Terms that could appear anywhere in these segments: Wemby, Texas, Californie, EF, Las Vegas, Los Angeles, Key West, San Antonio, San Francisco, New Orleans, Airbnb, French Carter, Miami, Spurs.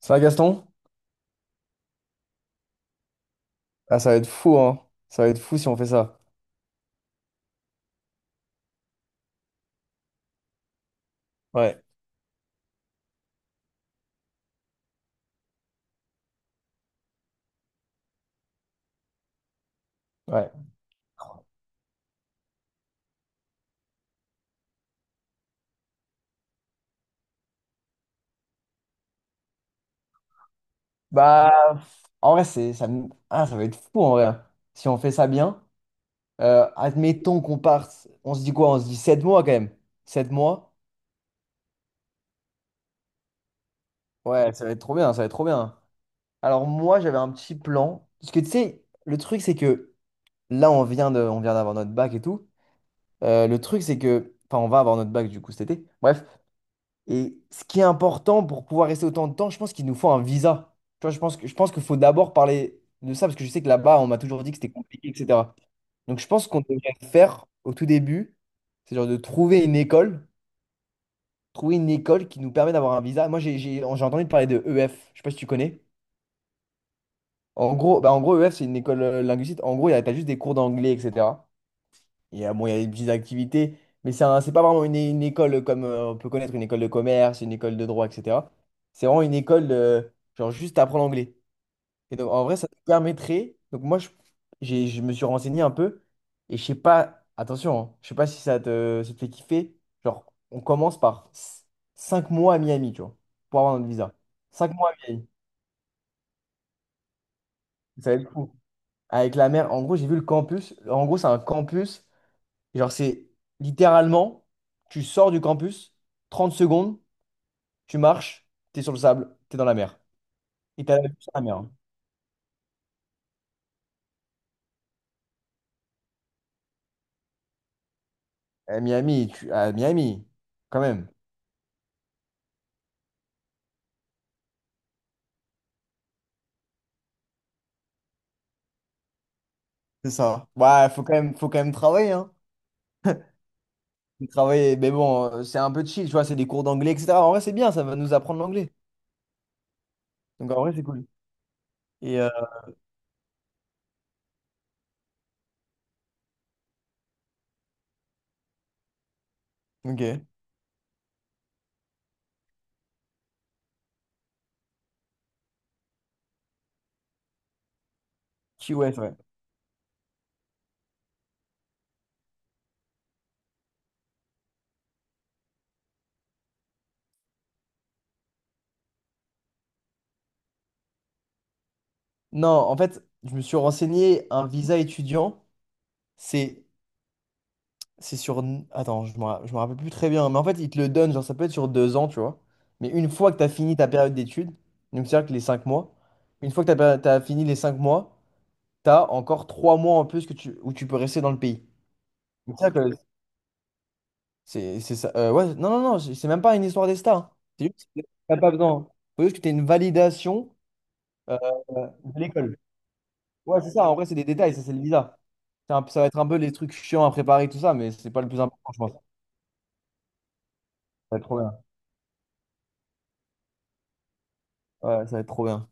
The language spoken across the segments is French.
Ça va, Gaston? Ah, ça va être fou, hein. Ça va être fou si on fait ça. Ouais. Ouais. Bah, en vrai, ah, ça va être fou, en vrai, hein. Si on fait ça bien, admettons qu'on parte, on se dit quoi? On se dit 7 mois, quand même. 7 mois? Ouais, ça va être trop bien, ça va être trop bien. Alors, moi, j'avais un petit plan. Parce que, tu sais, le truc, c'est que là, on vient d'avoir notre bac et tout. Le truc, c'est que, enfin, on va avoir notre bac, du coup, cet été. Bref. Et ce qui est important pour pouvoir rester autant de temps, je pense qu'il nous faut un visa. Tu vois, je pense qu'il faut d'abord parler de ça, parce que je sais que là-bas, on m'a toujours dit que c'était compliqué, etc. Donc je pense qu'on devrait faire au tout début, c'est genre de trouver une école qui nous permet d'avoir un visa. Moi, j'ai entendu parler de EF, je sais pas si tu connais. En gros, EF, c'est une école linguistique. En gros, il y a t'as juste des cours d'anglais, etc. Il y a, bon, il y a des petites activités, mais c'est pas vraiment une école comme on peut connaître une école de commerce, une école de droit, etc. C'est vraiment une école, de, genre, juste apprendre l'anglais. Et donc, en vrai, ça te permettrait. Donc, moi, je me suis renseigné un peu, et je sais pas, attention, hein, je sais pas si ça te fait kiffer. Genre, on commence par 5 mois à Miami, tu vois, pour avoir notre visa. 5 mois à Miami, ça va être fou. Avec la mer, en gros, j'ai vu le campus. En gros, c'est un campus. Genre, c'est littéralement, tu sors du campus, 30 secondes, tu marches, t'es sur le sable, t'es dans la mer. Et t'as la vue sur la mer, hein. À Miami, à Miami, quand même. C'est ça. Ouais, faut quand même travailler, hein. Faut travailler, mais bon, c'est un peu chill, tu vois, c'est des cours d'anglais, etc. En vrai, c'est bien, ça va nous apprendre l'anglais. Donc, en vrai, c'est cool. Et, euh, ok. Key West, ouais. Non, en fait, je me suis renseigné, un visa étudiant, c'est C'est. Attends, je me rappelle plus très bien. Mais en fait, ils te le donnent, genre ça peut être sur 2 ans, tu vois. Mais une fois que tu as fini ta période d'études, donc c'est-à-dire que les 5 mois, une fois que tu as, fini les 5 mois, tu as encore 3 mois en plus que tu... où tu peux rester dans le pays. Donc cest à que c'est ça. Ouais, non, non, non, c'est même pas une histoire des stars, hein. C'est juste que t'as pas besoin, hein. Faut juste que tu aies une validation euh, de l'école. Ouais, c'est ça. En vrai, c'est des détails, ça, c'est le visa. Ça va être un peu les trucs chiants à préparer, tout ça, mais c'est pas le plus important, je pense. Ça va être trop bien. Ouais, ça va être trop bien.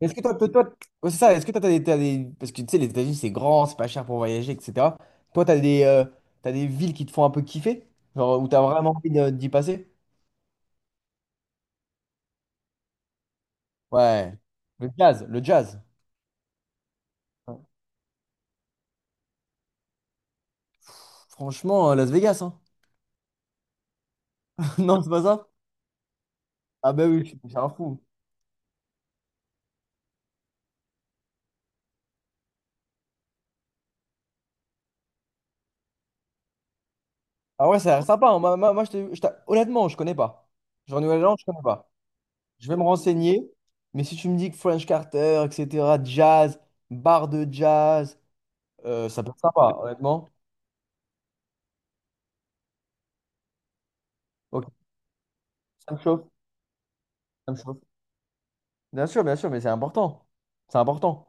Est-ce que toi, toi, toi- Ouais, c'est ça, est-ce que toi, t'as des. Parce que tu sais, les États-Unis, c'est grand, c'est pas cher pour voyager, etc. Toi, t'as des villes qui te font un peu kiffer? Genre, où t'as vraiment envie d'y passer? Ouais. Le jazz, le jazz. Franchement, Las Vegas, hein. Non, c'est pas ça? Ah bah oui, je suis un fou. Ah ouais, ça a l'air sympa, hein. Je te- je t'a- honnêtement, je connais pas. Genre, Nouvelle-Zélande, je connais pas. Je vais me renseigner, mais si tu me dis que French Carter, etc., jazz, bar de jazz, ça peut être sympa, honnêtement. Ok, ça me chauffe. Ça me chauffe. Bien sûr, mais c'est important. C'est important.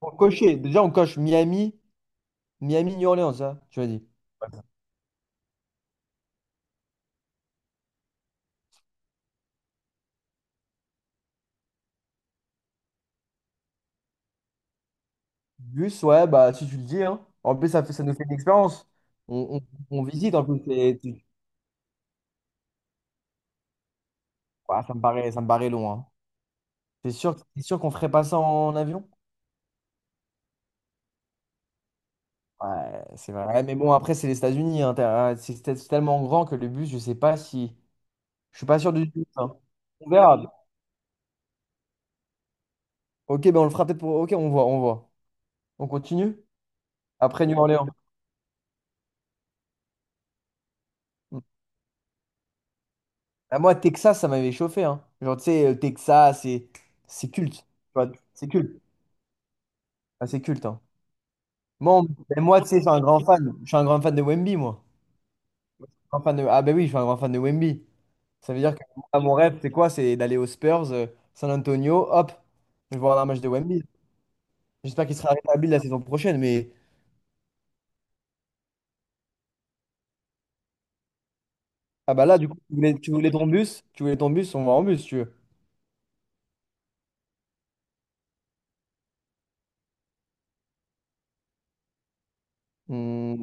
Pour cocher, déjà on coche Miami, New Orleans, ça, tu as dit. Ouais. Bus, ouais, bah si tu le dis, hein. En plus, ça nous fait une expérience. On, on visite en plus. Ouais, ça me paraît long, hein. T'es sûr, c'est sûr qu'on ferait pas ça en avion? Ouais, c'est vrai. Ouais, mais bon, après, c'est les États-Unis, hein. C'est tellement grand que le bus, je sais pas si. Je suis pas sûr du tout, hein. On verra. Ok, ben on le fera peut-être pour. Ok, on voit, on voit. On continue? Après New Orleans. Ah, moi, Texas, ça m'avait chauffé, hein. Genre, tu sais, Texas, c'est culte. Tu vois, c'est culte. Ah, c'est culte, hein. Moi, on- mais moi, tu sais, je suis un grand fan. Je suis un grand fan de Wemby, moi. Ah, ben oui, je suis un grand fan de Wemby. Ça veut dire que moi, mon rêve, c'est quoi? C'est d'aller aux Spurs, San Antonio, hop, je vais voir un match de Wemby. J'espère qu'il sera rétabli la saison prochaine. Mais ah, bah là, du coup, tu voulais ton bus, on va en bus, si tu veux. Hmm.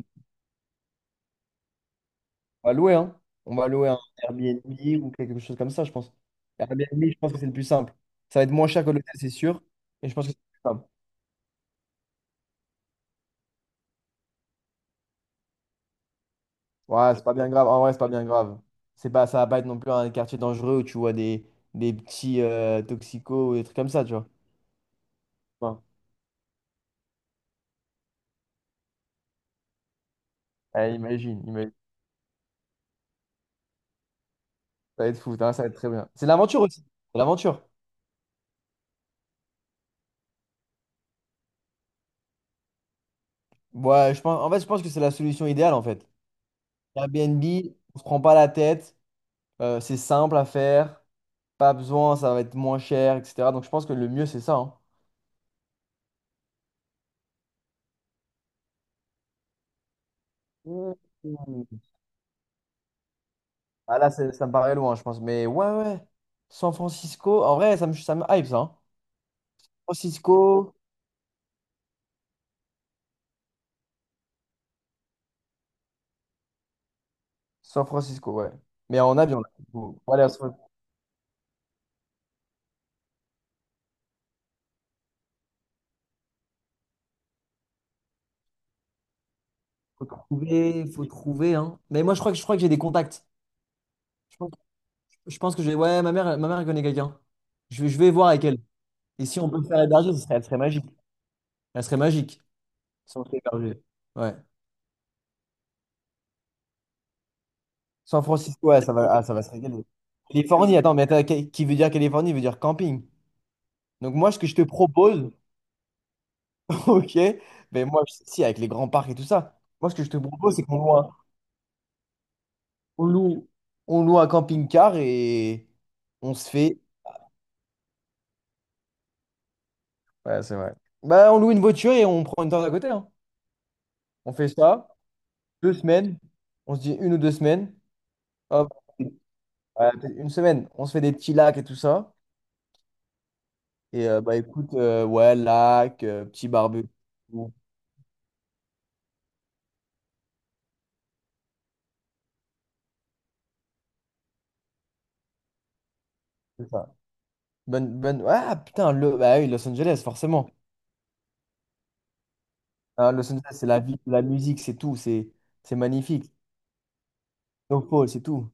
On va louer, hein. On va louer un Airbnb ou quelque chose comme ça, je pense. Airbnb, je pense que c'est le plus simple. Ça va être moins cher que l'hôtel, c'est sûr. Et je pense que c'est le plus simple. Ouais, c'est pas bien grave. En vrai, c'est pas bien grave. C'est pas, ça va pas être non plus un quartier dangereux où tu vois des petits toxicos ou des trucs comme ça, tu vois. Bon. Ouais, imagine, imagine. Ça va être fou, hein, ça va être très bien. C'est l'aventure aussi. C'est l'aventure. Ouais, je pense, en fait, je pense que c'est la solution idéale, en fait. Airbnb, on se prend pas la tête. C'est simple à faire. Pas besoin, ça va être moins cher, etc. Donc je pense que le mieux, c'est ça, hein. Ouh. Ah là, ça me paraît loin, je pense. Mais ouais, ouais. San Francisco, en vrai, ça me hype, ça, hein. Francisco, San Francisco, ouais. Mais en avion, là. Faut, faut aller à San- faut trouver, hein. Mais moi, je crois que j'ai des contacts. Je pense, je pense que j'ai. Ouais, ma mère elle connaît quelqu'un. Je vais voir avec elle. Et si on peut le faire héberger, elle serait magique. Elle serait magique si on se fait héberger. Ouais. San Francisco, ouais, ça va, ah, ça va se régaler. Californie, attends, mais attends, qui veut dire Californie veut dire camping. Donc moi, ce que je te propose, ok, mais moi, si, avec les grands parcs et tout ça, moi, ce que je te propose, c'est qu'on loue, on loue un camping-car et on se fait. Ouais, c'est vrai. Bah, on loue une voiture et on prend une tente à côté, hein. On fait ça, 2 semaines, on se dit 1 ou 2 semaines, hop, ouais, peut-être une semaine, on se fait des petits lacs et tout ça. Bah écoute, ouais, lac, petit barbecue, tout ça. Ah putain, bah oui, Los Angeles, forcément. Hein, Los Angeles, c'est la vie, la musique, c'est tout, c'est magnifique. Donc Paul, c'est tout.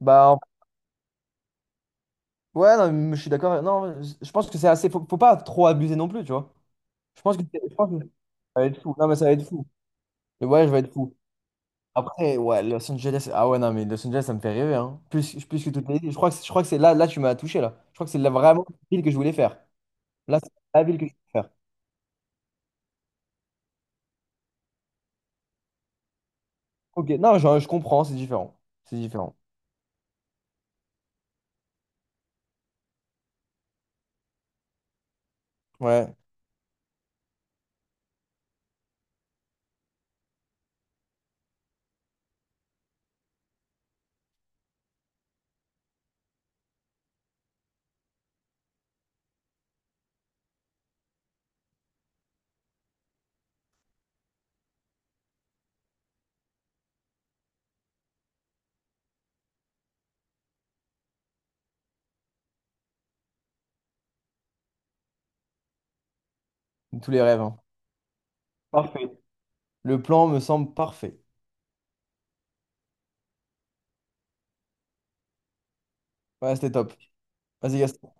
Bah ouais, non, mais je suis d'accord. Non, je pense que c'est assez. Faut pas trop abuser non plus, tu vois. Je pense que, je pense que ça va être fou. Non, mais ça va être fou. Et ouais, je vais être fou. Après, ouais, Los Angeles. Ah ouais, non, mais Los Angeles, ça me fait rêver, hein. Plus, plus que toutes les villes. Je crois que c'est là, là, tu m'as touché, là. Je crois que c'est vraiment la ville que je voulais faire. Là, c'est la ville que je voulais faire. Ok, non, je comprends, c'est différent. C'est différent. Ouais, tous les rêves, hein. Parfait. Le plan me semble parfait. Ouais, c'était top. Vas-y, Gaston.